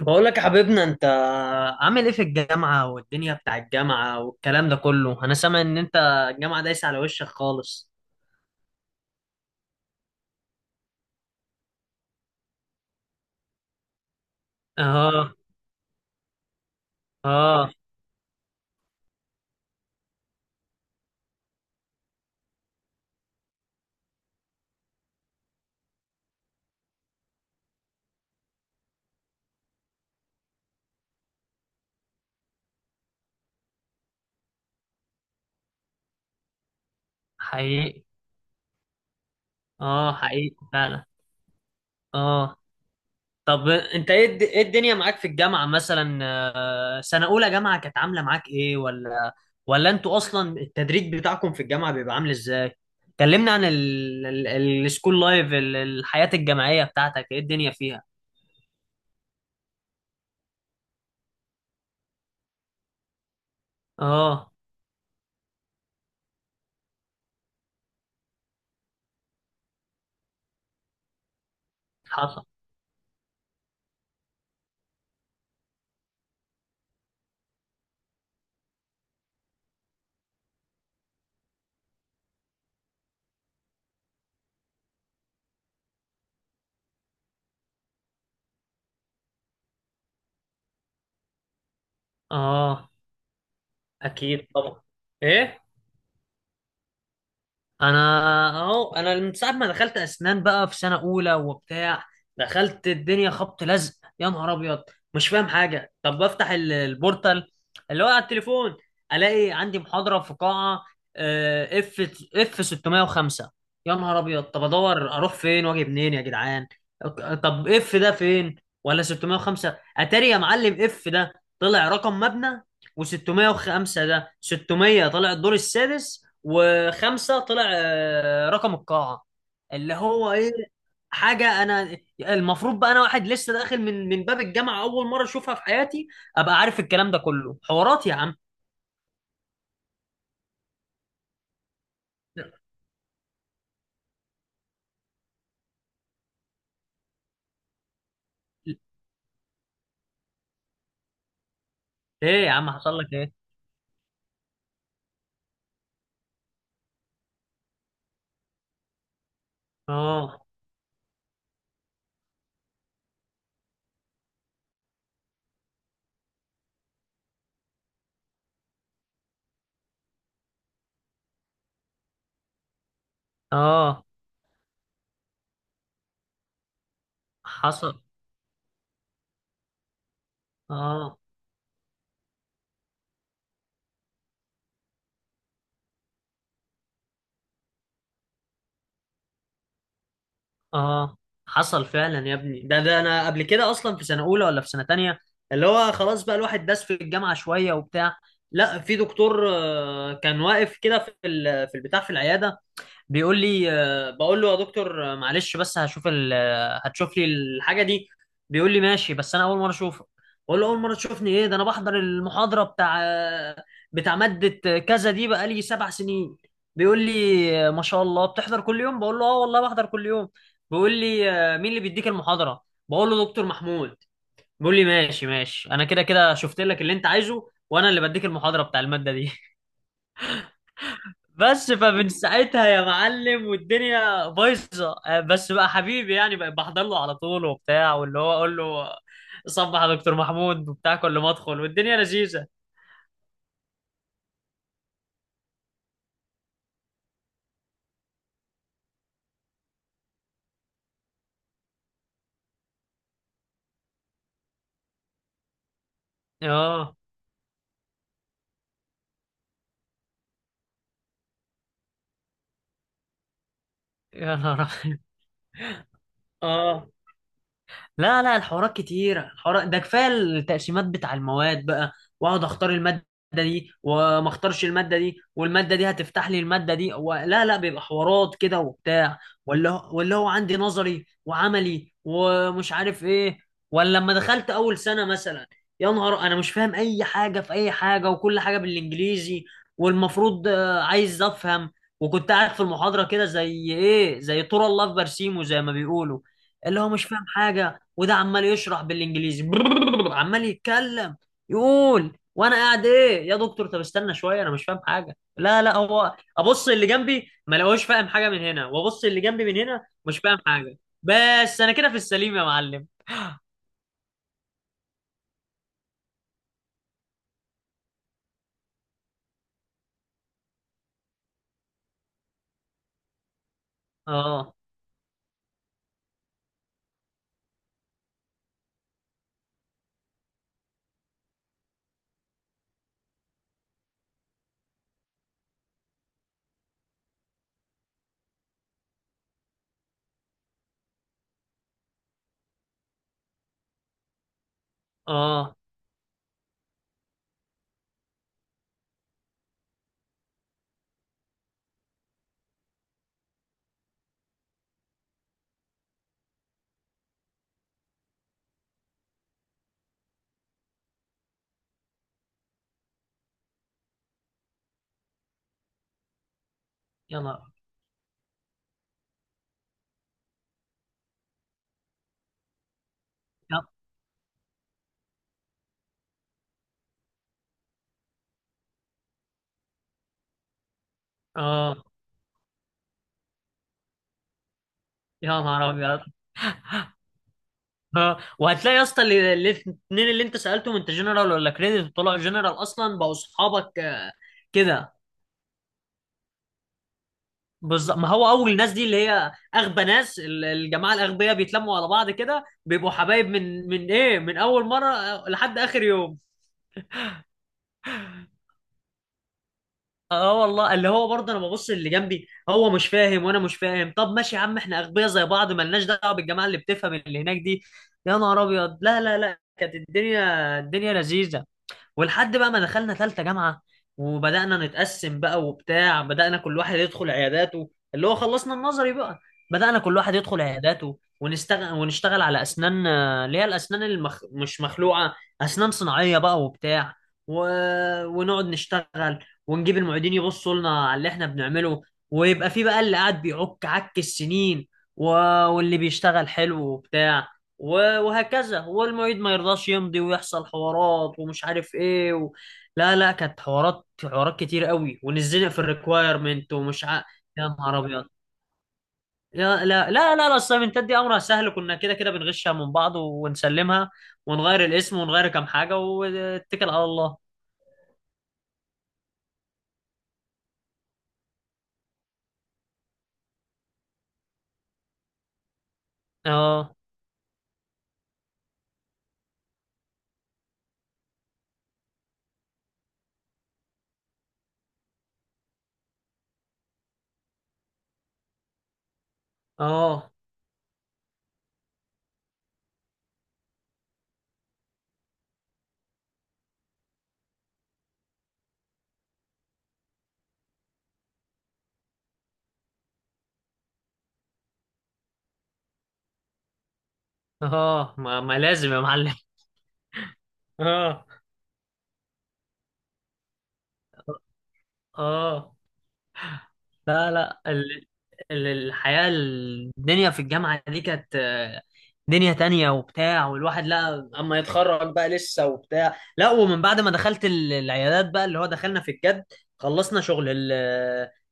بقول لك يا حبيبنا، انت عامل ايه في الجامعة؟ والدنيا بتاع الجامعة والكلام ده كله، انا سامع ان انت الجامعة دايسة على وشك خالص. اه. اه، حقيقي. اه، حقيقي فعلا. اه. طب انت ايه الدنيا معاك في الجامعة مثلا؟ سنة اولى جامعة كانت عاملة معاك ايه، ولا ولا انتوا اصلا التدريج بتاعكم في الجامعة بيبقى عامل ازاي؟ كلمنا عن السكول لايف، الحياة الجامعية بتاعتك ايه الدنيا فيها؟ اه. حصل. اه، اكيد طبعا. ايه. انا اهو، انا من ساعه ما دخلت اسنان بقى في سنه اولى وبتاع، دخلت الدنيا خبط لزق. يا نهار ابيض! مش فاهم حاجه. طب بفتح البورتال، اللي هو على التليفون، الاقي عندي محاضره في قاعه اف اف 605. يا نهار ابيض! طب ادور اروح فين واجي منين يا جدعان؟ طب اف ده فين؟ ولا 605؟ اتاري يا معلم اف ده طلع رقم مبنى، و605 ده 600 طلع الدور السادس، وخمسة طلع رقم القاعة. اللي هو ايه حاجة؟ انا المفروض بقى انا واحد لسه داخل من باب الجامعة اول مرة اشوفها في حياتي، ابقى عارف الكلام ده كله؟ حوارات يا عم. ايه يا عم، حصل لك ايه؟ اه. اه، حصل. اه. اه، حصل فعلا يا ابني. ده انا قبل كده اصلا في سنة اولى ولا في سنة تانية، اللي هو خلاص بقى الواحد داس في الجامعة شوية وبتاع، لا في دكتور كان واقف كده في في البتاع، في العيادة، بيقول لي بقول له: يا دكتور معلش بس هشوف ال... آه، هتشوف لي الحاجه دي. بيقول لي: ماشي، بس انا اول مره اشوفك. بقول له: اول مره تشوفني؟ ايه ده، انا بحضر المحاضره بتاع ماده كذا دي بقالي 7 سنين. بيقول لي: ما شاء الله بتحضر كل يوم؟ بقول له: اه والله بحضر كل يوم. بيقول لي: مين اللي بيديك المحاضره؟ بقول له: دكتور محمود. بيقول لي: ماشي ماشي، انا كده كده شفت لك اللي انت عايزه، وانا اللي بديك المحاضره بتاع الماده دي. بس فمن ساعتها يا معلم والدنيا بايظه، بس بقى حبيبي، يعني بقى بحضر له على طول وبتاع، واللي هو اقول له: صبح يا دكتور محمود وبتاع، كل ما ادخل والدنيا لذيذه. اه، يا نهار أبيض. اه. لا لا، الحوارات كتيرة، الحوارات ده كفاية. التقسيمات بتاع المواد بقى، واقعد اختار المادة دي، وما اختارش المادة دي، والمادة دي هتفتح لي المادة دي لا لا، بيبقى حوارات كده وبتاع. ولا هو عندي نظري وعملي ومش عارف ايه. ولا لما دخلت اول سنة مثلا، يا نهار انا مش فاهم اي حاجة في اي حاجة، وكل حاجة بالانجليزي. والمفروض عايز افهم. وكنت قاعد في المحاضرة كده زي ايه، زي طور الله في برسيمه زي ما بيقولوا، اللي هو مش فاهم حاجة. وده عمال يشرح بالانجليزي. عمال يتكلم، يقول وانا قاعد: ايه يا دكتور؟ طب استنى شويه، انا مش فاهم حاجه. لا لا، هو ابص اللي جنبي ما لقوش فاهم حاجه من هنا، وابص اللي جنبي من هنا مش فاهم حاجه. بس انا كده في السليم يا معلم. اه. اه، يا نهار. يا- اه، يا نهار ابيض. اه، وهتلاقي يا اسطى الاثنين اللي انت سالتهم انت جنرال ولا كريدت، طلعوا جنرال اصلا، بقوا اصحابك كده. بالظبط، ما هو اول الناس دي اللي هي اغبى ناس، الجماعه الاغبياء بيتلموا على بعض كده بيبقوا حبايب من ايه، من اول مره لحد اخر يوم. اه، والله اللي هو برضه انا ببص اللي جنبي هو مش فاهم وانا مش فاهم. طب ماشي يا عم، احنا اغبياء زي بعض، مالناش دعوه بالجماعه اللي بتفهم اللي هناك دي. يا نهار ابيض. لا لا لا، كانت الدنيا الدنيا لذيذه. ولحد بقى ما دخلنا ثالثه جامعه، وبدانا نتقسم بقى وبتاع، بدانا كل واحد يدخل عياداته، اللي هو خلصنا النظري بقى. بدانا كل واحد يدخل عياداته ونشتغل، ونشتغل على اسنان اللي هي الاسنان مش مخلوعه، اسنان صناعيه بقى وبتاع. و... ونقعد نشتغل، ونجيب المعيدين يبصوا لنا على اللي احنا بنعمله، ويبقى في بقى اللي قاعد بيعك عك السنين، و... واللي بيشتغل حلو وبتاع، وهكذا. والمعيد ما يرضاش يمضي، ويحصل حوارات ومش عارف ايه لا لا، كانت حوارات حوارات كتير قوي، ونزلنا في الريكوايرمنت يا نهار ابيض. لا لا لا، الاسايمنتات دي امرها سهل، كنا كده كده بنغشها من بعض ونسلمها، ونغير الاسم ونغير كام حاجة واتكل على الله. اه. اه. اه، ما لازم يا معلم. اه. اه. لا لا، الحياة الدنيا في الجامعة دي كانت دنيا تانية وبتاع، والواحد لا اما يتخرج بقى لسه وبتاع، لا. ومن بعد ما دخلت العيادات بقى، اللي هو دخلنا في الجد، خلصنا شغل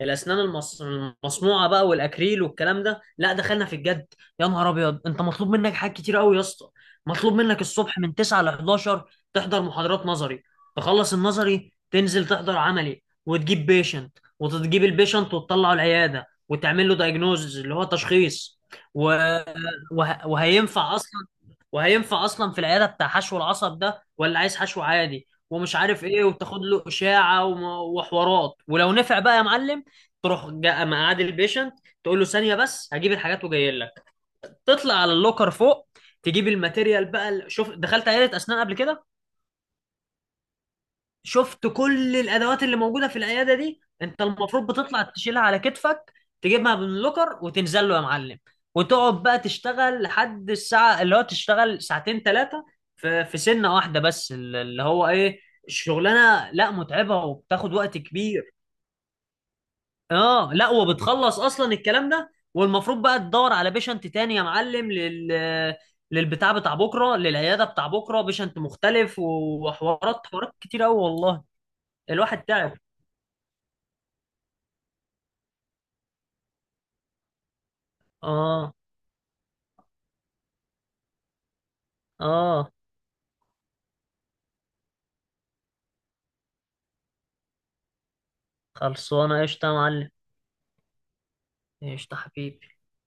الاسنان المصنوعة بقى والاكريل والكلام ده، لا دخلنا في الجد. يا نهار ابيض! انت مطلوب منك حاجات كتير قوي يا اسطى. مطلوب منك الصبح من 9 ل 11 تحضر محاضرات نظري، تخلص النظري تنزل تحضر عملي وتجيب بيشنت، وتجيب البيشنت وتطلعه العياده، وتعمل له دايجنوز اللي هو تشخيص، و... وهينفع اصلا، وهينفع اصلا في العياده بتاع حشو العصب ده ولا عايز حشو عادي ومش عارف ايه، وتاخد له اشاعه وحوارات، ولو نفع بقى يا معلم تروح جا مقعد البيشنت، تقول له: ثانيه بس هجيب الحاجات وجاي لك. تطلع على اللوكر فوق، تجيب الماتيريال بقى. شوف، دخلت عياده اسنان قبل كده؟ شفت كل الادوات اللي موجوده في العياده دي؟ انت المفروض بتطلع تشيلها على كتفك، تجيبها من اللوكر وتنزل له يا معلم. وتقعد بقى تشتغل لحد الساعه، اللي هو تشتغل ساعتين ثلاثه، في سنه واحده بس، اللي هو ايه؟ الشغلانه لا متعبه وبتاخد وقت كبير. اه، لا وبتخلص اصلا الكلام ده، والمفروض بقى تدور على بيشنت تاني يا معلم، للبتاع بتاع بكره، للعياده بتاع بكره بيشنت مختلف، وحوارات حوارات كتير قوي والله. الواحد تعب. اه. اه، خلصانه قشطه يا معلم. قشطه حبيبي.